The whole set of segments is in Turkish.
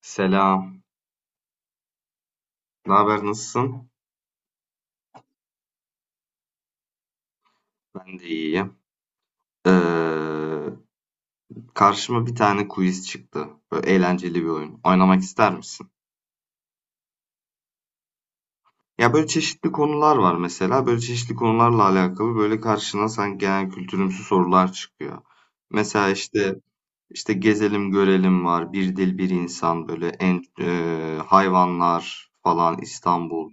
Selam. Ne haber, nasılsın? Ben de iyiyim. Ee, Karşıma bir tane quiz çıktı. Böyle eğlenceli bir oyun. Oynamak ister misin? Ya böyle çeşitli konular var mesela. Böyle çeşitli konularla alakalı böyle karşına sanki genel kültürümsü sorular çıkıyor. Mesela işte gezelim görelim var. Bir dil bir insan böyle en hayvanlar falan İstanbul.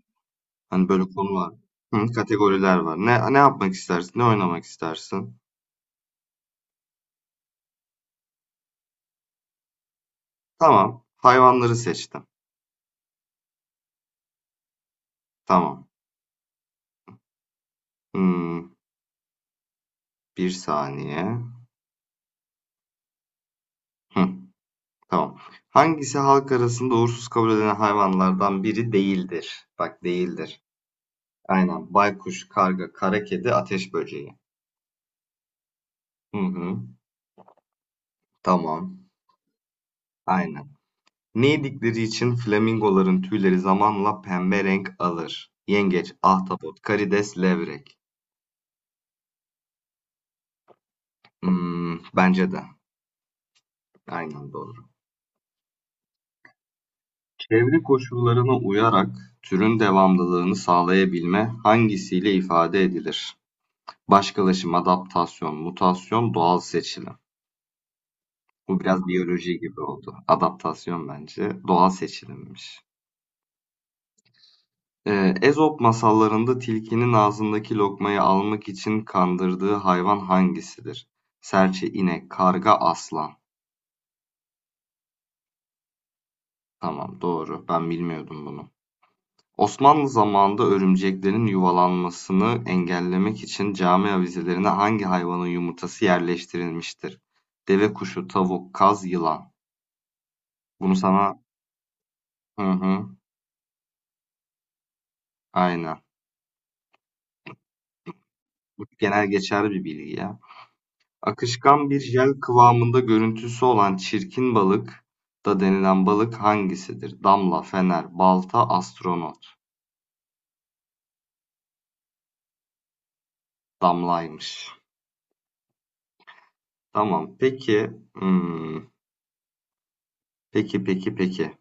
Hani böyle konular. Hı, kategoriler var. Ne yapmak istersin? Ne oynamak istersin? Tamam. Hayvanları seçtim. Tamam. Hımm, bir saniye. Hıh, tamam. Hangisi halk arasında uğursuz kabul edilen hayvanlardan biri değildir? Bak, değildir. Aynen. Baykuş, karga, kara kedi, ateş böceği. Hı hı. Tamam. Aynen. Ne yedikleri için flamingoların tüyleri zamanla pembe renk alır? Yengeç, ahtapot, karides, levrek. Bence de. Aynen doğru. Çevre koşullarına uyarak türün devamlılığını sağlayabilme hangisiyle ifade edilir? Başkalaşım, adaptasyon, mutasyon, doğal seçilim. Bu biraz biyoloji gibi oldu. Adaptasyon, bence doğal seçilimmiş. Ezop masallarında tilkinin ağzındaki lokmayı almak için kandırdığı hayvan hangisidir? Serçe, inek, karga, aslan. Tamam, doğru. Ben bilmiyordum bunu. Osmanlı zamanında örümceklerin yuvalanmasını engellemek için cami avizelerine hangi hayvanın yumurtası yerleştirilmiştir? Deve kuşu, tavuk, kaz, yılan. Bunu sana hı hı, aynen. Bu genel geçerli bir bilgi ya. Akışkan bir jel kıvamında görüntüsü olan çirkin balık da denilen balık hangisidir? Damla, fener, balta, astronot. Damlaymış. Tamam. Peki. hmm, Peki, peki, peki.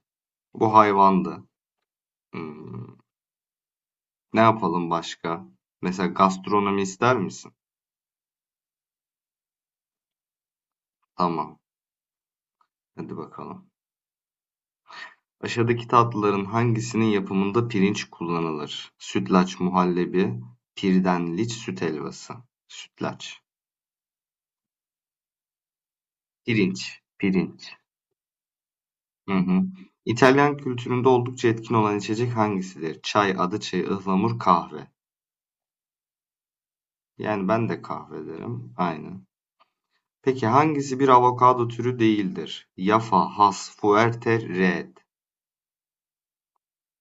Bu hayvandı. Hmm, Ne yapalım başka? Mesela gastronomi ister misin? Tamam. Hadi bakalım. Aşağıdaki tatlıların hangisinin yapımında pirinç kullanılır? Sütlaç, muhallebi, pirdenliç, süt helvası. Sütlaç. Pirinç. Pirinç. Hı hı. İtalyan kültüründe oldukça etkin olan içecek hangisidir? Çay, adı çayı, ıhlamur, kahve. Yani ben de kahve derim. Aynen. Peki, hangisi bir avokado türü değildir? Yafa, has, fuerte, red.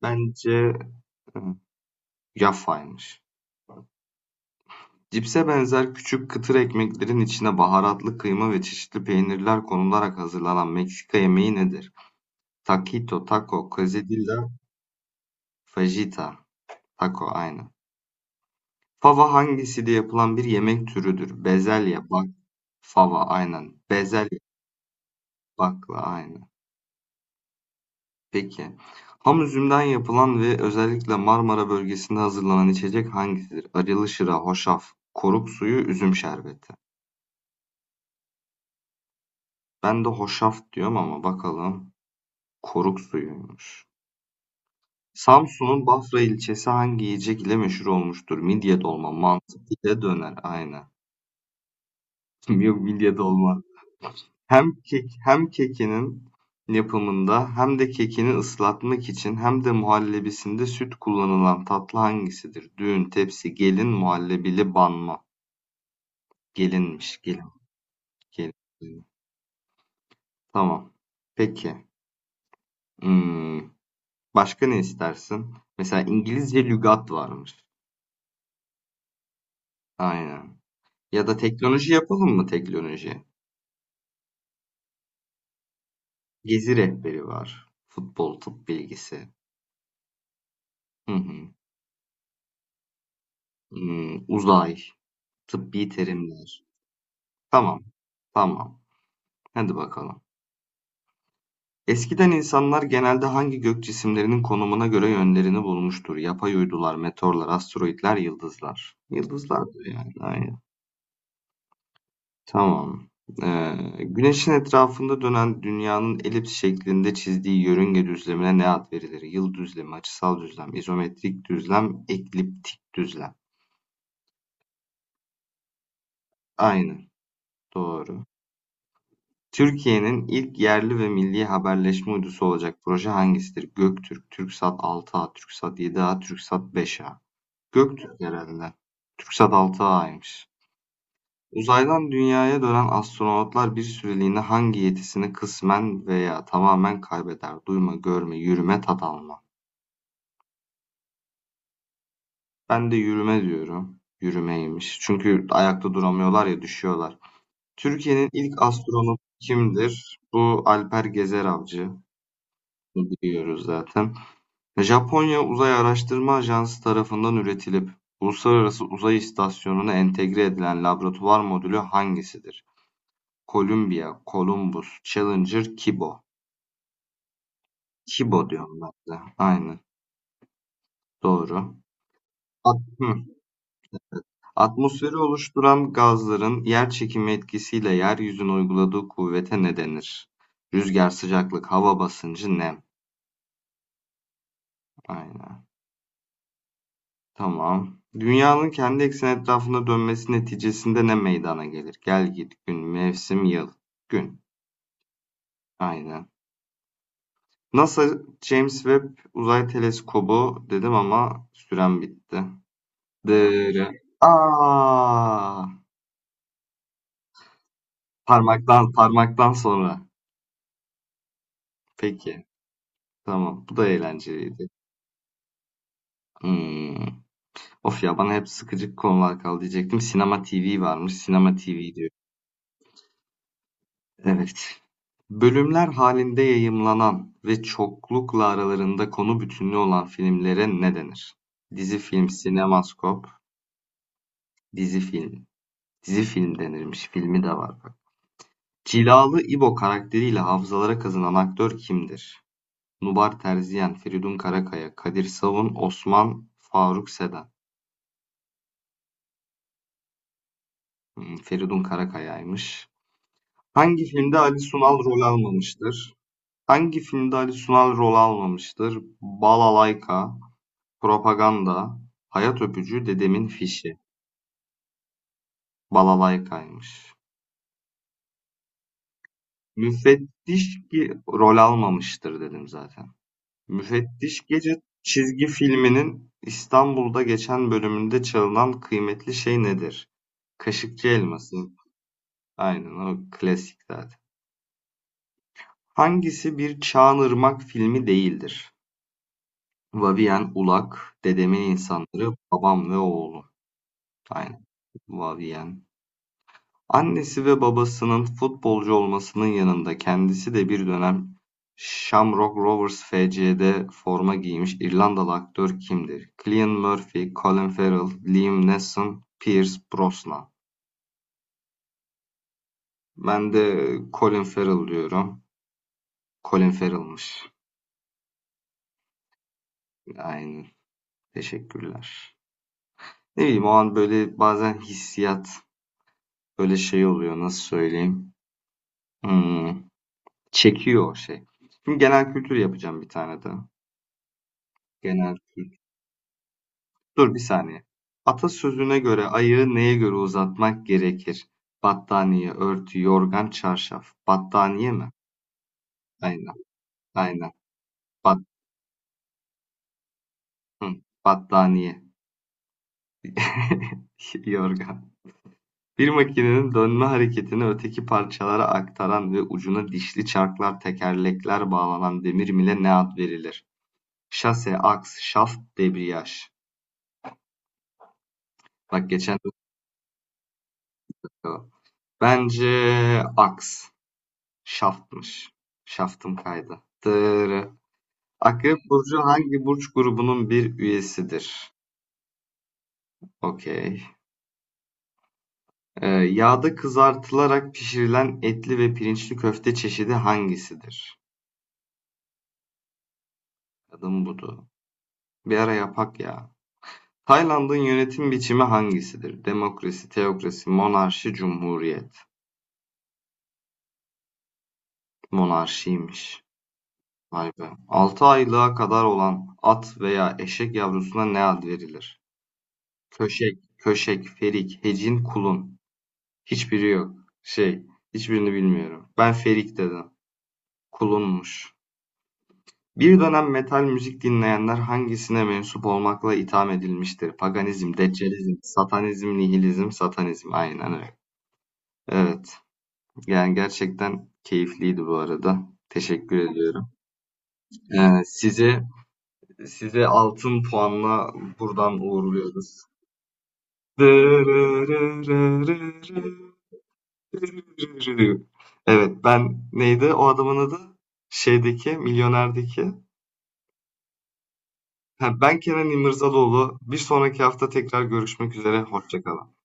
Bence hı, yafaymış. Cipse benzer küçük kıtır ekmeklerin içine baharatlı kıyma ve çeşitli peynirler konularak hazırlanan Meksika yemeği nedir? Taquito, taco, quesadilla, fajita. Taco, aynen. Fava hangisiyle yapılan bir yemek türüdür? Bezelye, bak, fava, aynen. Bezelye, bakla, aynen. Peki. Ham üzümden yapılan ve özellikle Marmara bölgesinde hazırlanan içecek hangisidir? Arılı şıra, hoşaf, koruk suyu, üzüm şerbeti. Ben de hoşaf diyorum ama bakalım. Koruk suyuymuş. Samsun'un Bafra ilçesi hangi yiyecek ile meşhur olmuştur? Midye dolma, mantı, pide, döner. Aynen. Yok, midye dolma. Hem kek hem kekinin yapımında hem de kekini ıslatmak için hem de muhallebisinde süt kullanılan tatlı hangisidir? Düğün, tepsi, gelin, muhallebili banma. Gelinmiş, gelin, gelin. Tamam. Peki. Hmm, başka ne istersin? Mesela İngilizce lügat varmış. Aynen. Ya da teknoloji yapalım mı, teknoloji? Gezi rehberi var. Futbol, tıp bilgisi. Hı hı. Uzay, tıbbi terimler. Tamam, tamam. Hadi bakalım. Eskiden insanlar genelde hangi gök cisimlerinin konumuna göre yönlerini bulmuştur? Yapay uydular, meteorlar, asteroidler, yıldızlar. Yıldızlardır yani, aynen. Tamam. Güneşin etrafında dönen dünyanın elips şeklinde çizdiği yörünge düzlemine ne ad verilir? Yıl düzlemi, açısal düzlem, izometrik düzlem, ekliptik düzlem. Aynen. Doğru. Türkiye'nin ilk yerli ve milli haberleşme uydusu olacak proje hangisidir? Göktürk, TürkSat 6A, TürkSat 7A, TürkSat 5A. Göktürk herhalde. TürkSat 6A'ymış. Uzaydan dünyaya dönen astronotlar bir süreliğine hangi yetisini kısmen veya tamamen kaybeder? Duyma, görme, yürüme, tat alma. Ben de yürüme diyorum. Yürümeymiş. Çünkü ayakta duramıyorlar ya, düşüyorlar. Türkiye'nin ilk astronotu kimdir? Bu Alper Gezer Avcı. Biliyoruz zaten. Japonya Uzay Araştırma Ajansı tarafından üretilip Uluslararası Uzay İstasyonu'na entegre edilen laboratuvar modülü hangisidir? Columbia, Columbus, Challenger, Kibo. Kibo diyorum ben de. Aynen. Doğru. At- Atmosferi oluşturan gazların yer çekimi etkisiyle yeryüzüne uyguladığı kuvvete ne denir? Rüzgar, sıcaklık, hava basıncı, nem. Aynen. Tamam. Dünyanın kendi ekseni etrafında dönmesi neticesinde ne meydana gelir? Gel git, gün, mevsim, yıl. Gün. Aynen. NASA James Webb Uzay Teleskobu dedim ama sürem bitti. Dırı. Aa! Parmaktan, parmaktan sonra. Peki. Tamam. Bu da eğlenceliydi. Hmm. Of ya, bana hep sıkıcık konular kaldı diyecektim. Sinema TV varmış. Sinema TV diyor. Evet. Bölümler halinde yayımlanan ve çoklukla aralarında konu bütünlüğü olan filmlere ne denir? Dizi-film, sinemaskop, dizi-film. Dizi-film denirmiş, filmi de var bak. Cilalı İbo karakteriyle hafızalara kazınan aktör kimdir? Nubar Terziyen, Feridun Karakaya, Kadir Savun, Osman Faruk Seden. Feridun Karakaya'ymış. Hangi filmde Ali Sunal rol almamıştır? Balalayka, Propaganda, hayat öpücü, dedemin fişi, balalaykaymış. Müfettiş ki rol almamıştır dedim zaten. Müfettiş Gece çizgi filminin İstanbul'da geçen bölümünde çalınan kıymetli şey nedir? Kaşıkçı elması. Aynen, o klasik zaten. Hangisi bir Çağan filmi değildir? Vavien, Ulak, Dedemin İnsanları, Babam ve Oğlu. Aynen. Vavien. Annesi ve babasının futbolcu olmasının yanında kendisi de bir dönem Shamrock Rovers FC'de forma giymiş İrlandalı aktör kimdir? Cillian Murphy, Colin Farrell, Liam Neeson, Pierce Brosnan. Ben de Colin Farrell diyorum. Colin Farrell'mış. Aynen. Teşekkürler. Ne bileyim, o an böyle bazen hissiyat böyle şey oluyor, nasıl söyleyeyim. Hmm, çekiyor o şey. Şimdi genel kültür yapacağım bir tane de. Genel kültür. Dur bir saniye. Atasözüne göre ayağı neye göre uzatmak gerekir? Battaniye, örtü, yorgan, çarşaf. Battaniye mi? Aynen, aynen. Bat, hı, battaniye. Yorgan. Bir makinenin dönme hareketini öteki parçalara aktaran ve ucuna dişli çarklar, tekerlekler bağlanan demir mile ne ad verilir? Şase, aks, şaft, debriyaj. Bak geçen... Bence aks. Şaftmış. Şaftım kaydı. Dırı. Akrep burcu hangi burç grubunun bir üyesidir? Okey. Yağda kızartılarak pişirilen etli ve pirinçli köfte çeşidi hangisidir? Adım budu. Bir ara yapak ya. Tayland'ın yönetim biçimi hangisidir? Demokrasi, teokrasi, monarşi, cumhuriyet. Monarşiymiş. Vay be. 6 aylığa kadar olan at veya eşek yavrusuna ne ad verilir? Köşek, köşek, ferik, hecin, kulun. Hiçbiri yok. Şey, hiçbirini bilmiyorum. Ben Ferik dedim. Kulunmuş. Bir dönem metal müzik dinleyenler hangisine mensup olmakla itham edilmiştir? Paganizm, deccalizm, satanizm, nihilizm, satanizm. Aynen öyle. Evet. Yani gerçekten keyifliydi bu arada. Teşekkür ediyorum. Ee, size size altın puanla buradan uğurluyoruz. Evet, ben neydi o adamın adı? Şeydeki, Milyoner'deki. Ha, ben Kenan İmirzalıoğlu. Bir sonraki hafta tekrar görüşmek üzere. Hoşça kalın.